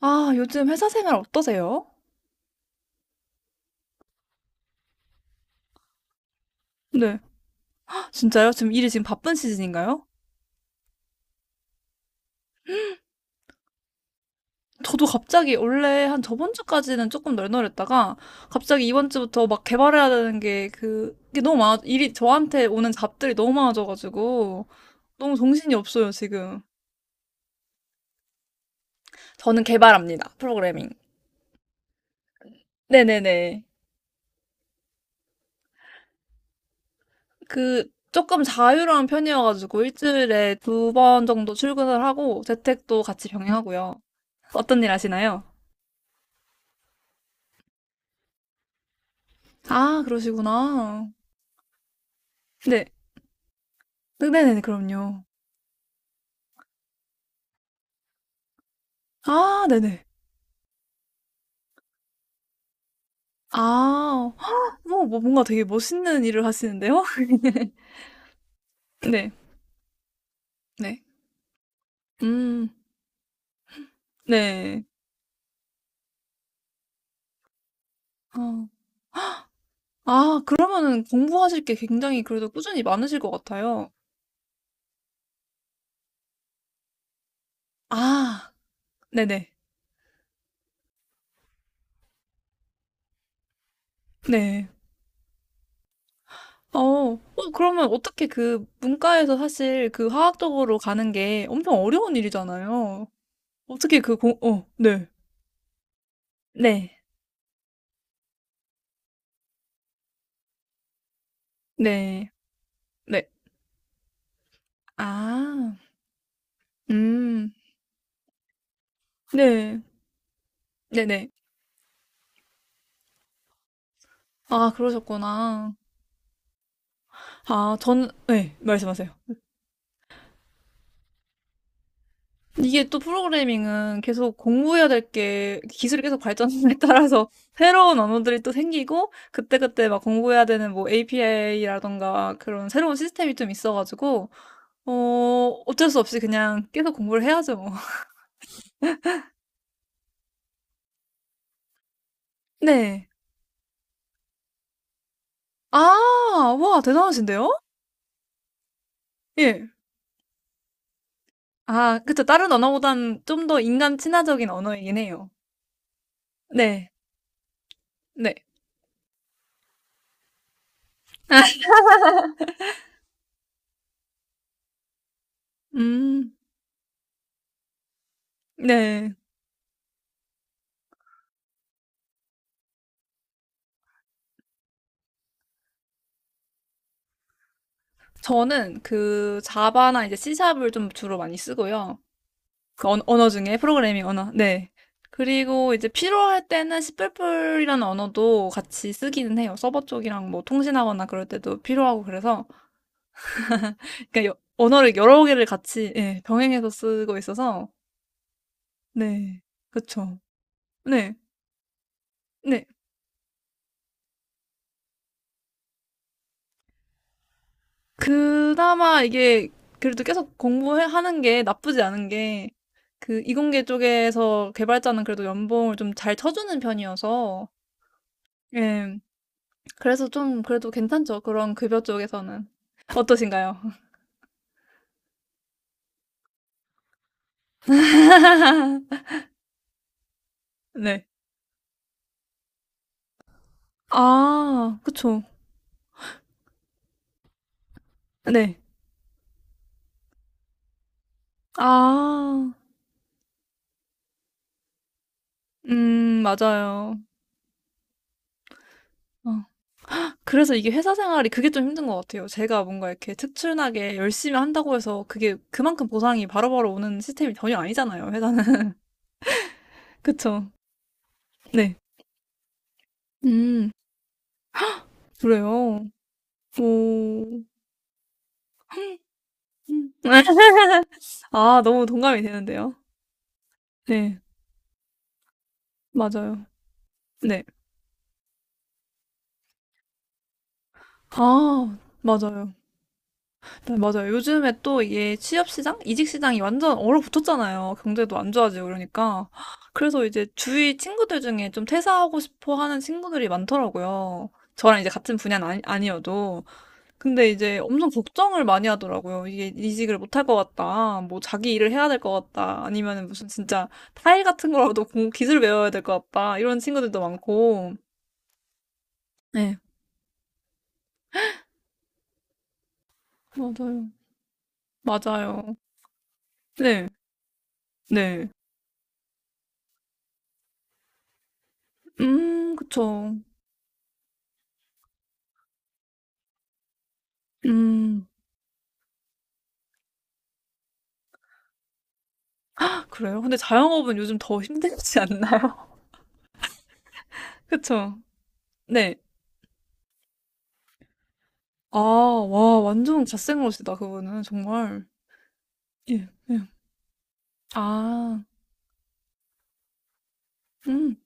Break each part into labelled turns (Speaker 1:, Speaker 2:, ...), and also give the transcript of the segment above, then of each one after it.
Speaker 1: 아, 요즘 회사 생활 어떠세요? 네. 헉, 진짜요? 지금 일이 지금 바쁜 시즌인가요? 저도 갑자기 원래 한 저번 주까지는 조금 널널했다가 갑자기 이번 주부터 막 개발해야 되는 게 게 너무 많아, 일이 저한테 오는 잡들이 너무 많아져가지고 너무 정신이 없어요, 지금. 저는 개발합니다. 프로그래밍. 네네네. 그, 조금 자유로운 편이어가지고 일주일에 두 번 정도 출근을 하고 재택도 같이 병행하고요. 어떤 일 하시나요? 아, 그러시구나. 네. 네네네. 그럼요. 아 네네. 아. 뭐 뭐 뭔가 되게 멋있는 일을 하시는데요? 네. 네. 음. 네. 어. 아 그러면은 공부하실 게 굉장히 그래도 꾸준히 많으실 것 같아요. 아. 네네. 네. 어. 어 그러면 어떻게 그 문과에서 사실 그 화학 쪽으로 가는 게 엄청 어려운 일이잖아요. 어떻게 그 공 어 네. 네. 네. 네. 아. 음. 네. 네네. 아, 그러셨구나. 아, 전, 네, 말씀하세요. 이게 또 프로그래밍은 계속 공부해야 될 게 기술이 계속 발전에 따라서 새로운 언어들이 또 생기고 그때그때 막 공부해야 되는 뭐 API라던가 그런 새로운 시스템이 좀 있어가지고 어, 어쩔 수 없이 그냥 계속 공부를 해야죠, 뭐. 네. 아, 와, 대단하신데요? 예. 아, 그쵸. 다른 언어보단 좀 더 인간 친화적인 언어이긴 해요. 네. 네. 음, 네. 저는 그 자바나 이제 C샵을 좀 주로 많이 쓰고요. 그 언, 어 중에 프로그래밍 언어. 네. 그리고 이제 필요할 때는 C++이라는 언어도 같이 쓰기는 해요. 서버 쪽이랑 뭐 통신하거나 그럴 때도 필요하고 그래서 그러니까 여- 언어를 여러 개를 같이 예, 병행해서 쓰고 있어서 네. 그쵸. 네. 네. 그나마 이게 그래도 계속 공부하는 게 나쁘지 않은 게 그 이공계 쪽에서 개발자는 그래도 연봉을 좀 잘 쳐주는 편이어서 예. 그래서 좀 그래도 괜찮죠. 그런 급여 쪽에서는 어떠신가요? 네. 아, 그쵸. 네. 아, 맞아요. 어. 그래서 이게 회사 생활이 그게 좀 힘든 것 같아요. 제가 뭔가 이렇게 특출나게 열심히 한다고 해서 그게 그만큼 보상이 바로바로 오는 시스템이 전혀 아니잖아요, 회사는. 그쵸. 네. 음. 그래요. 오. 음. 아, 너무 동감이 되는데요. 네. 맞아요. 네. 아, 맞아요. 네, 맞아요. 요즘에 또 이게 취업 시장, 이직 시장이 완전 얼어붙었잖아요. 경제도 안 좋아지고 그러니까. 그래서 이제 주위 친구들 중에 좀 퇴사하고 싶어 하는 친구들이 많더라고요. 저랑 이제 같은 분야는 아니, 아니어도. 근데 이제 엄청 걱정을 많이 하더라고요. 이게 이직을 못 할 것 같다. 뭐 자기 일을 해야 될 것 같다. 아니면 무슨 진짜 타일 같은 거라도 공- 기술 배워야 될 것 같다. 이런 친구들도 많고. 네, 맞아요. 맞아요. 네, 네. 그쵸. 음, 아, 그래요. 근데 자영업은 요즘 더 힘들지 않나요? 그쵸. 네. 아, 와, 완전 갓생러시다, 그분은. 정말. 예, 예. 아, 음.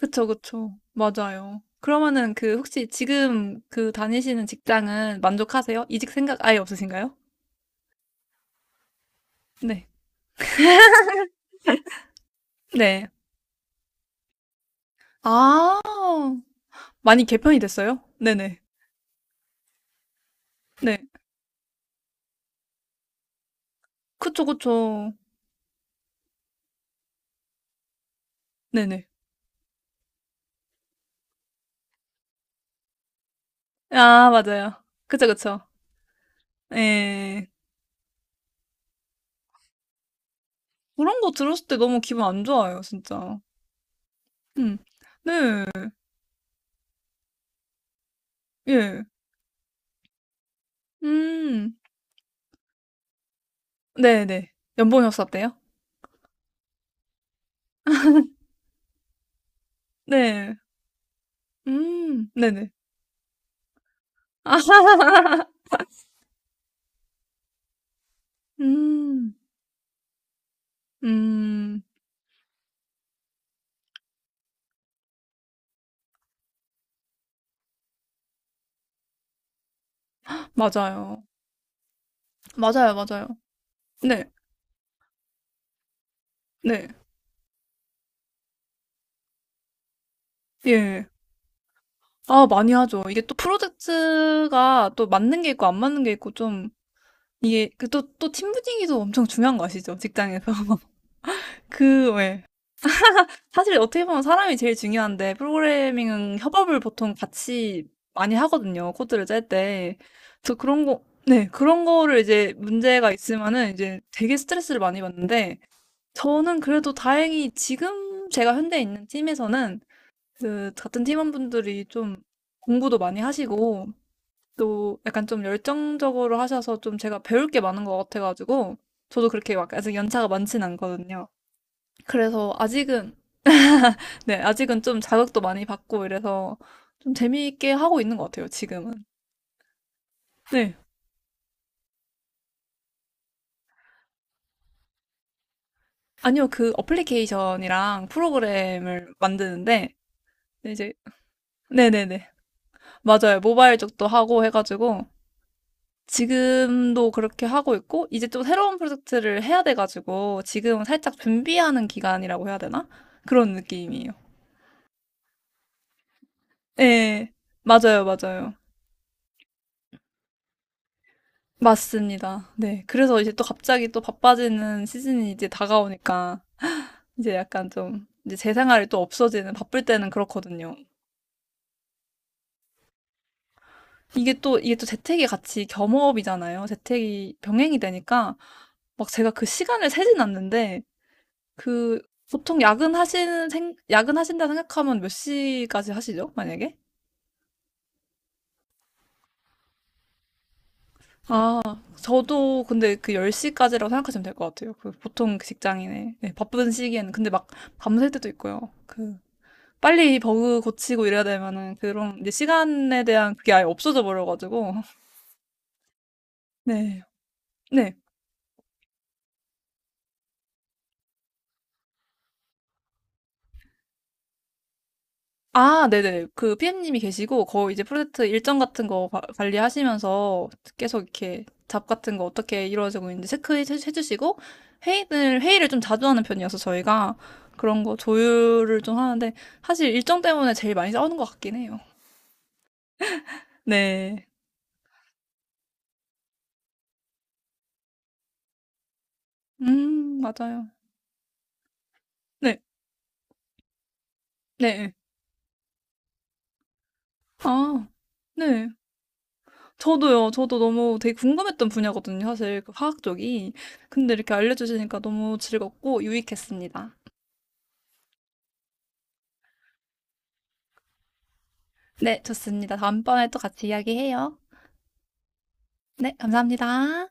Speaker 1: 그쵸. 맞아요. 그러면은 그 혹시 지금 그 다니시는 직장은 만족하세요? 이직 생각 아예 없으신가요? 네. 네. 아, 많이 개편이 됐어요? 네네. 네. 그쵸. 네네. 아, 맞아요. 그쵸. 예. 그런 거 들었을 때 너무 기분 안 좋아요, 진짜. 음. 네. 예. 음. 네네. 연봉이 없었대요? 네. 음. 네네. 아, 음. 음. 맞아요. 맞아요. 네, 네, 예. 아, 많이 하죠. 이게 또 프로젝트가 또 맞는 게 있고 안 맞는 게 있고 좀 이게 그 또 팀 분위기도 엄청 중요한 거 아시죠? 직장에서. 그, 왜. 사실 어떻게 보면 사람이 제일 중요한데 프로그래밍은 협업을 보통 같이 많이 하거든요. 코드를 짤 때. 그래서 그런 거, 네, 그런 거를 이제 문제가 있으면은 이제 되게 스트레스를 많이 받는데 저는 그래도 다행히 지금 제가 현재 있는 팀에서는 그 같은 팀원분들이 좀 공부도 많이 하시고 또 약간 좀 열정적으로 하셔서 좀 제가 배울 게 많은 것 같아가지고 저도 그렇게 막 아직 연차가 많진 않거든요. 그래서 아직은 네 아직은 좀 자극도 많이 받고 이래서 좀 재미있게 하고 있는 것 같아요 지금은. 네. 아니요. 그 어플리케이션이랑 프로그램을 만드는데 네, 이제 네네네. 맞아요. 모바일 쪽도 하고 해가지고 지금도 그렇게 하고 있고, 이제 또 새로운 프로젝트를 해야 돼가지고, 지금 살짝 준비하는 기간이라고 해야 되나? 그런 느낌이에요. 네, 맞아요. 맞습니다. 네, 그래서 이제 또 갑자기 또 바빠지는 시즌이 이제 다가오니까, 이제 약간 좀, 이제 제 생활이 또 없어지는, 바쁠 때는 그렇거든요. 이게 또 재택이 같이 겸업이잖아요. 재택이 병행이 되니까, 막 제가 그 시간을 세진 않는데, 그 보통 야근하시는 생, 야근하신다 생각하면 몇 시까지 하시죠? 만약에? 아, 저도 근데 그 10시까지라고 생각하시면 될 것 같아요. 그 보통 그 직장인의 네, 바쁜 시기에는 근데 막 밤샐 때도 있고요. 그 빨리 버그 고치고 이래야 되면은 그런 이제 시간에 대한 그게 아예 없어져 버려가지고 네. 네, 아, 네네. 그 PM님이 계시고, 거의 이제 프로젝트 일정 같은 거 바- 관리하시면서 계속 이렇게 잡 같은 거 어떻게 이루어지고 있는지 체크해주시고, 회의를 좀 자주 하는 편이어서 저희가 그런 거 조율을 좀 하는데, 사실 일정 때문에 제일 많이 싸우는 것 같긴 해요. 네. 맞아요. 네, 네. 아, 네. 저도요. 저도 너무 되게 궁금했던 분야거든요. 사실 그 화학 쪽이. 근데 이렇게 알려주시니까 너무 즐겁고 유익했습니다. 네, 좋습니다. 다음번에 또 같이 이야기해요. 네, 감사합니다.